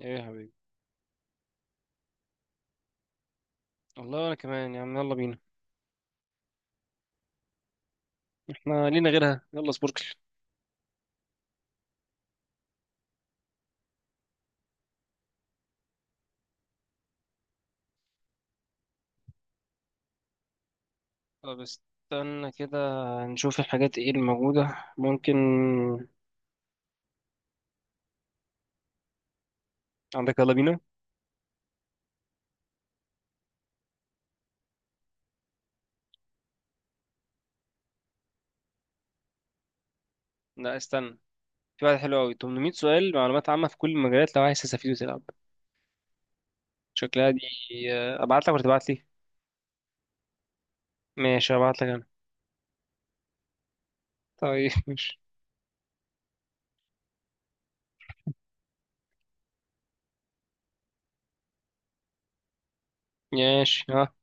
ايه يا حبيبي. والله انا كمان يا عم، يلا بينا. احنا لينا غيرها، يلا سبوركل. طب استنى كده، نشوف الحاجات ايه الموجودة ممكن عندك. يلا بينا. لا استنى، في واحد حلو قوي، 800 سؤال معلومات عامة في كل المجالات لو عايز تستفيد وتلعب. شكلها دي. ابعت لك ولا تبعت لي؟ ماشي ابعت لك انا. طيب ماشي. ماشي، ها.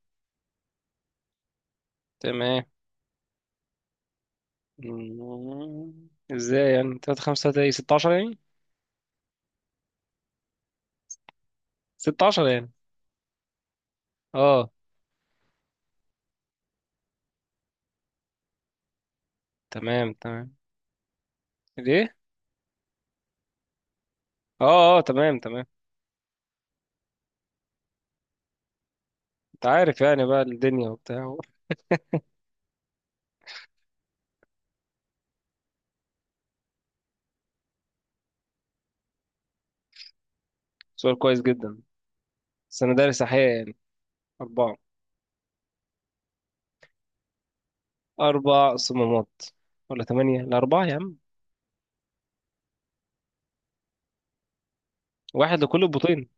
تمام. ازاي يعني 3 5 3؟ ايه 16 يعني؟ 16 يعني. اه تمام تمام. ليه؟ اه اه تمام تمام. انت عارف يعني بقى الدنيا وبتاع. سؤال كويس جدا، بس انا دارس احياء يعني. اربعة. اربع صمامات ولا ثمانية؟ الاربعة يا عم، واحد لكل البطين.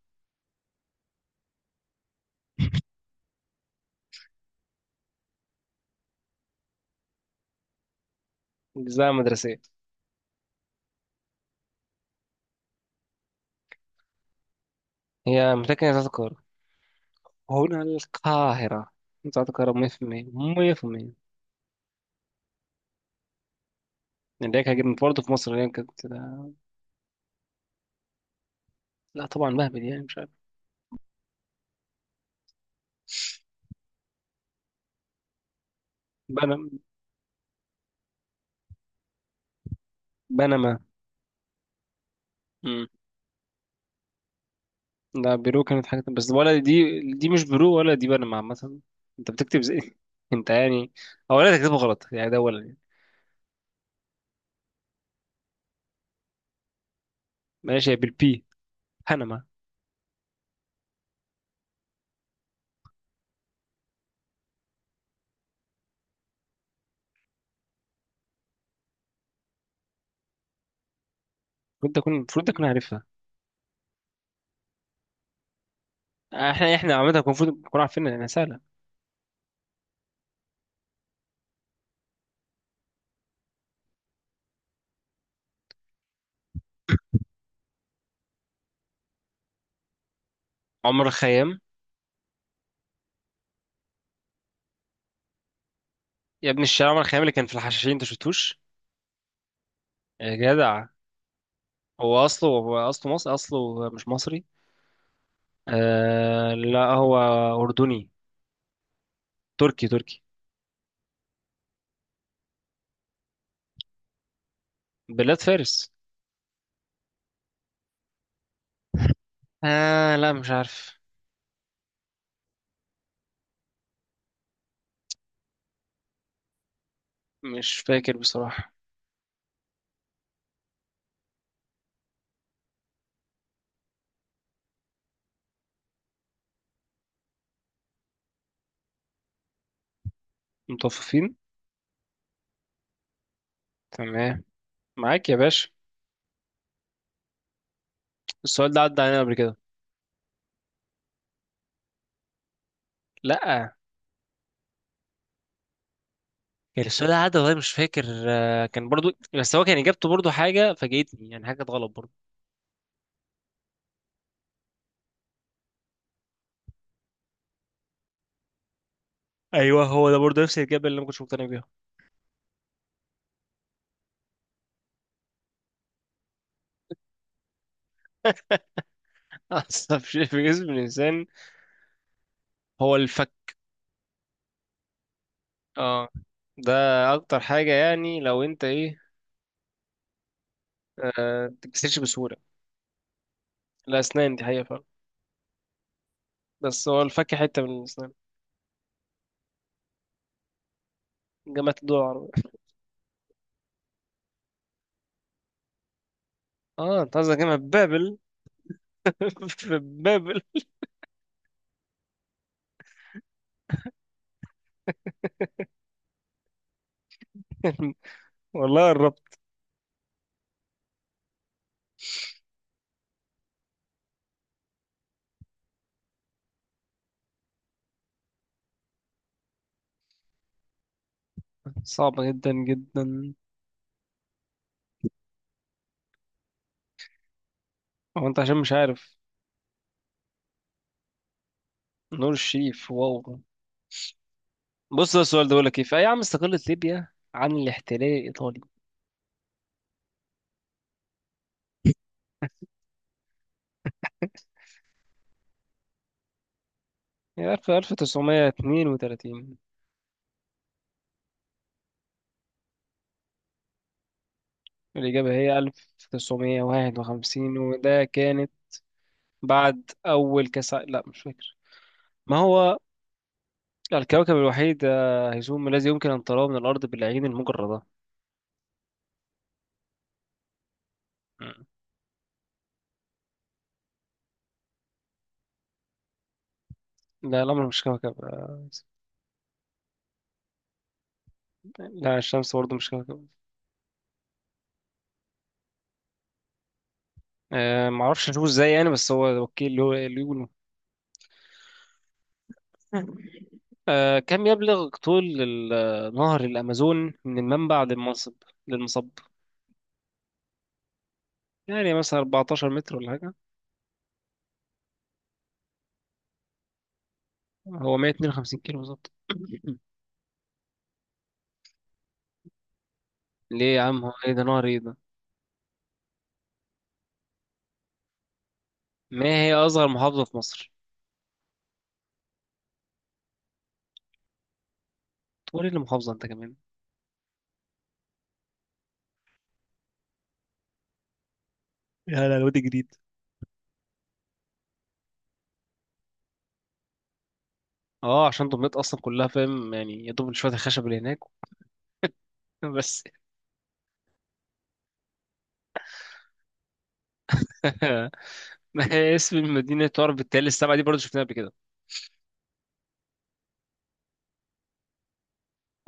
اجزاء مدرسية. هي متكنة بتاعت القاهرة، هنا القاهرة. بتاعت القاهرة 100% 100%. اللي هي كانت برضه في مصر، اللي هي كانت. لا طبعا مهبل يعني مش عارف. بنما. بنما. مم. لا بيرو كانت حاجة بس، ولا دي مش بيرو، ولا دي بنما عامة. انت بتكتب زي انت يعني، اولا تكتبه غلط يعني ده اولا يعني. ماشي هي بالبي. بنما. المفروض اكون، المفروض اكون عارفها. احنا عامه كنا المفروض نكون عارفين انها سهله. عمر الخيام. يا ابن الشارع، عمر الخيام اللي كان في الحشاشين، انت شفتوش؟ يا جدع، هو اصله مصري؟ اصله مش مصري. آه لا هو اردني. تركي تركي. بلاد فارس. آه لا مش عارف. مش فاكر بصراحه. متوففين. تمام. معاك يا باشا. السؤال ده عدى علينا قبل كده. لا، كان السؤال ده عدى والله، مش فاكر، كان برضو، بس هو كان اجابته برضو حاجه فاجئتني يعني، حاجه غلط برضو. ايوه هو ده برضه نفس الاجابه اللي انا ما كنتش مقتنع بيها. أعصب شيء في جسم الإنسان هو الفك. اه ده أكتر حاجة يعني، لو أنت إيه، ما بتتكسرش بسهولة. الأسنان دي حقيقة فعلا، بس هو الفك حتة من الأسنان. جامعة الدول العربية. اه أنت قصدك جامعة بابل. في بابل. والله قربت. صعبة جدا جدا. هو أنت عشان مش عارف. نور الشريف، واو. بص ده السؤال ده بيقول لك إيه، في أي عام استقلت ليبيا عن الاحتلال الإيطالي؟ عارف، 1932. الإجابة هي 1951، وده كانت بعد أول كاس ع- لا مش فاكر. ما هو الكوكب الوحيد هيزوم الذي يمكن أن تراه من الأرض بالعين المجردة؟ مم. لا القمر مش كوكب. لا الشمس برضه مش كوكب. معرفش أشوفه إزاي يعني، بس هو أوكي اللي هو اللي يقوله. كم يبلغ طول نهر الأمازون من المنبع للمصب؟ للمصب. يعني مثلا 14 متر ولا حاجة؟ هو 152 كيلو بالظبط. ليه يا عم، هو ايه ده نهر ايه ده؟ ما هي اصغر محافظة في مصر؟ تقول ايه المحافظة انت كمان؟ يا لا وادي جديد. اه عشان دمياط اصلا كلها فاهم يعني، يا دوب شوية الخشب اللي هناك. بس. ما هي اسم المدينة تعرف بالتلال السبعة؟ دي برضه شفناها قبل كده.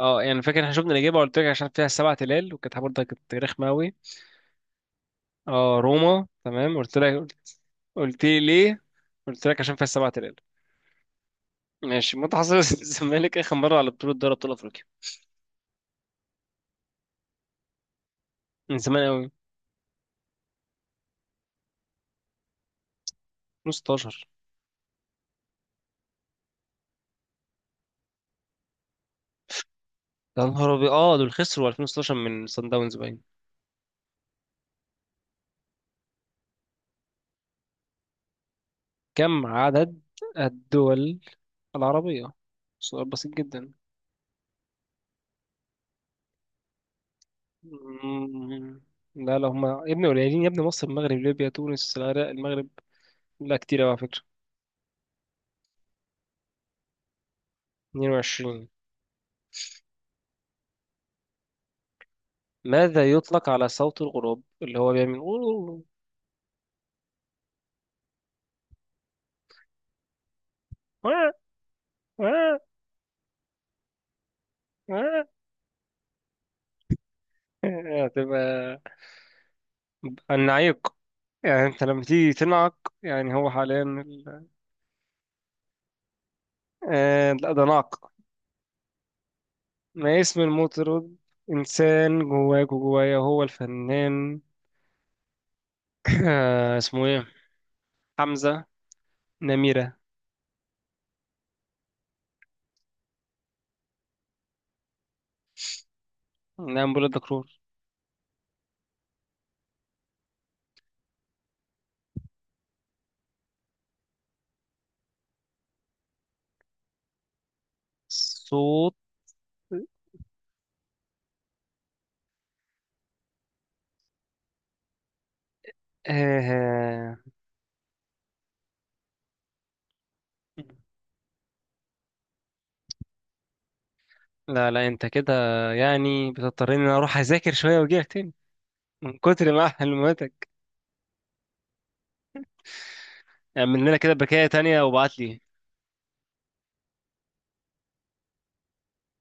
اه يعني فاكر احنا شفنا الإجابة، قلت لك عشان فيها سبع تلال وكانت برضه كانت رخمة أوي. اه روما، تمام قلت لك. قلت لي ليه؟ قلت لك عشان فيها سبع تلال. ماشي. متى حصل الزمالك آخر مرة على بطولة دوري أبطال أفريقيا؟ من زمان أوي. 2016. يا نهار أبيض، اه دول خسروا 2016 من صن داونز باين. كم عدد الدول العربية؟ سؤال بسيط جدا. مم. لا لا هما يا ابني قليلين، يا ابني مصر المغرب ليبيا تونس العراق المغرب. لا كتير أوي على فكرة. 22. ماذا يطلق على صوت الغراب اللي هو بيعمل؟ هتبقى النعيق. يعني انت لما تيجي تنعق، يعني هو حاليا ال- لا ده نعق. ما اسم المطرب إنسان جواك وجوايا، هو الفنان؟ اسمه إيه؟ حمزة نميرة. نعم، بولاد دكرور. صوت آه... آه. لا لا أنت كده، يعني بتضطرني إن أنا أروح أذاكر شوية وأجيلك تاني من كتر ما معلوماتك. اعمل لنا كده بكاية تانية وابعت لي.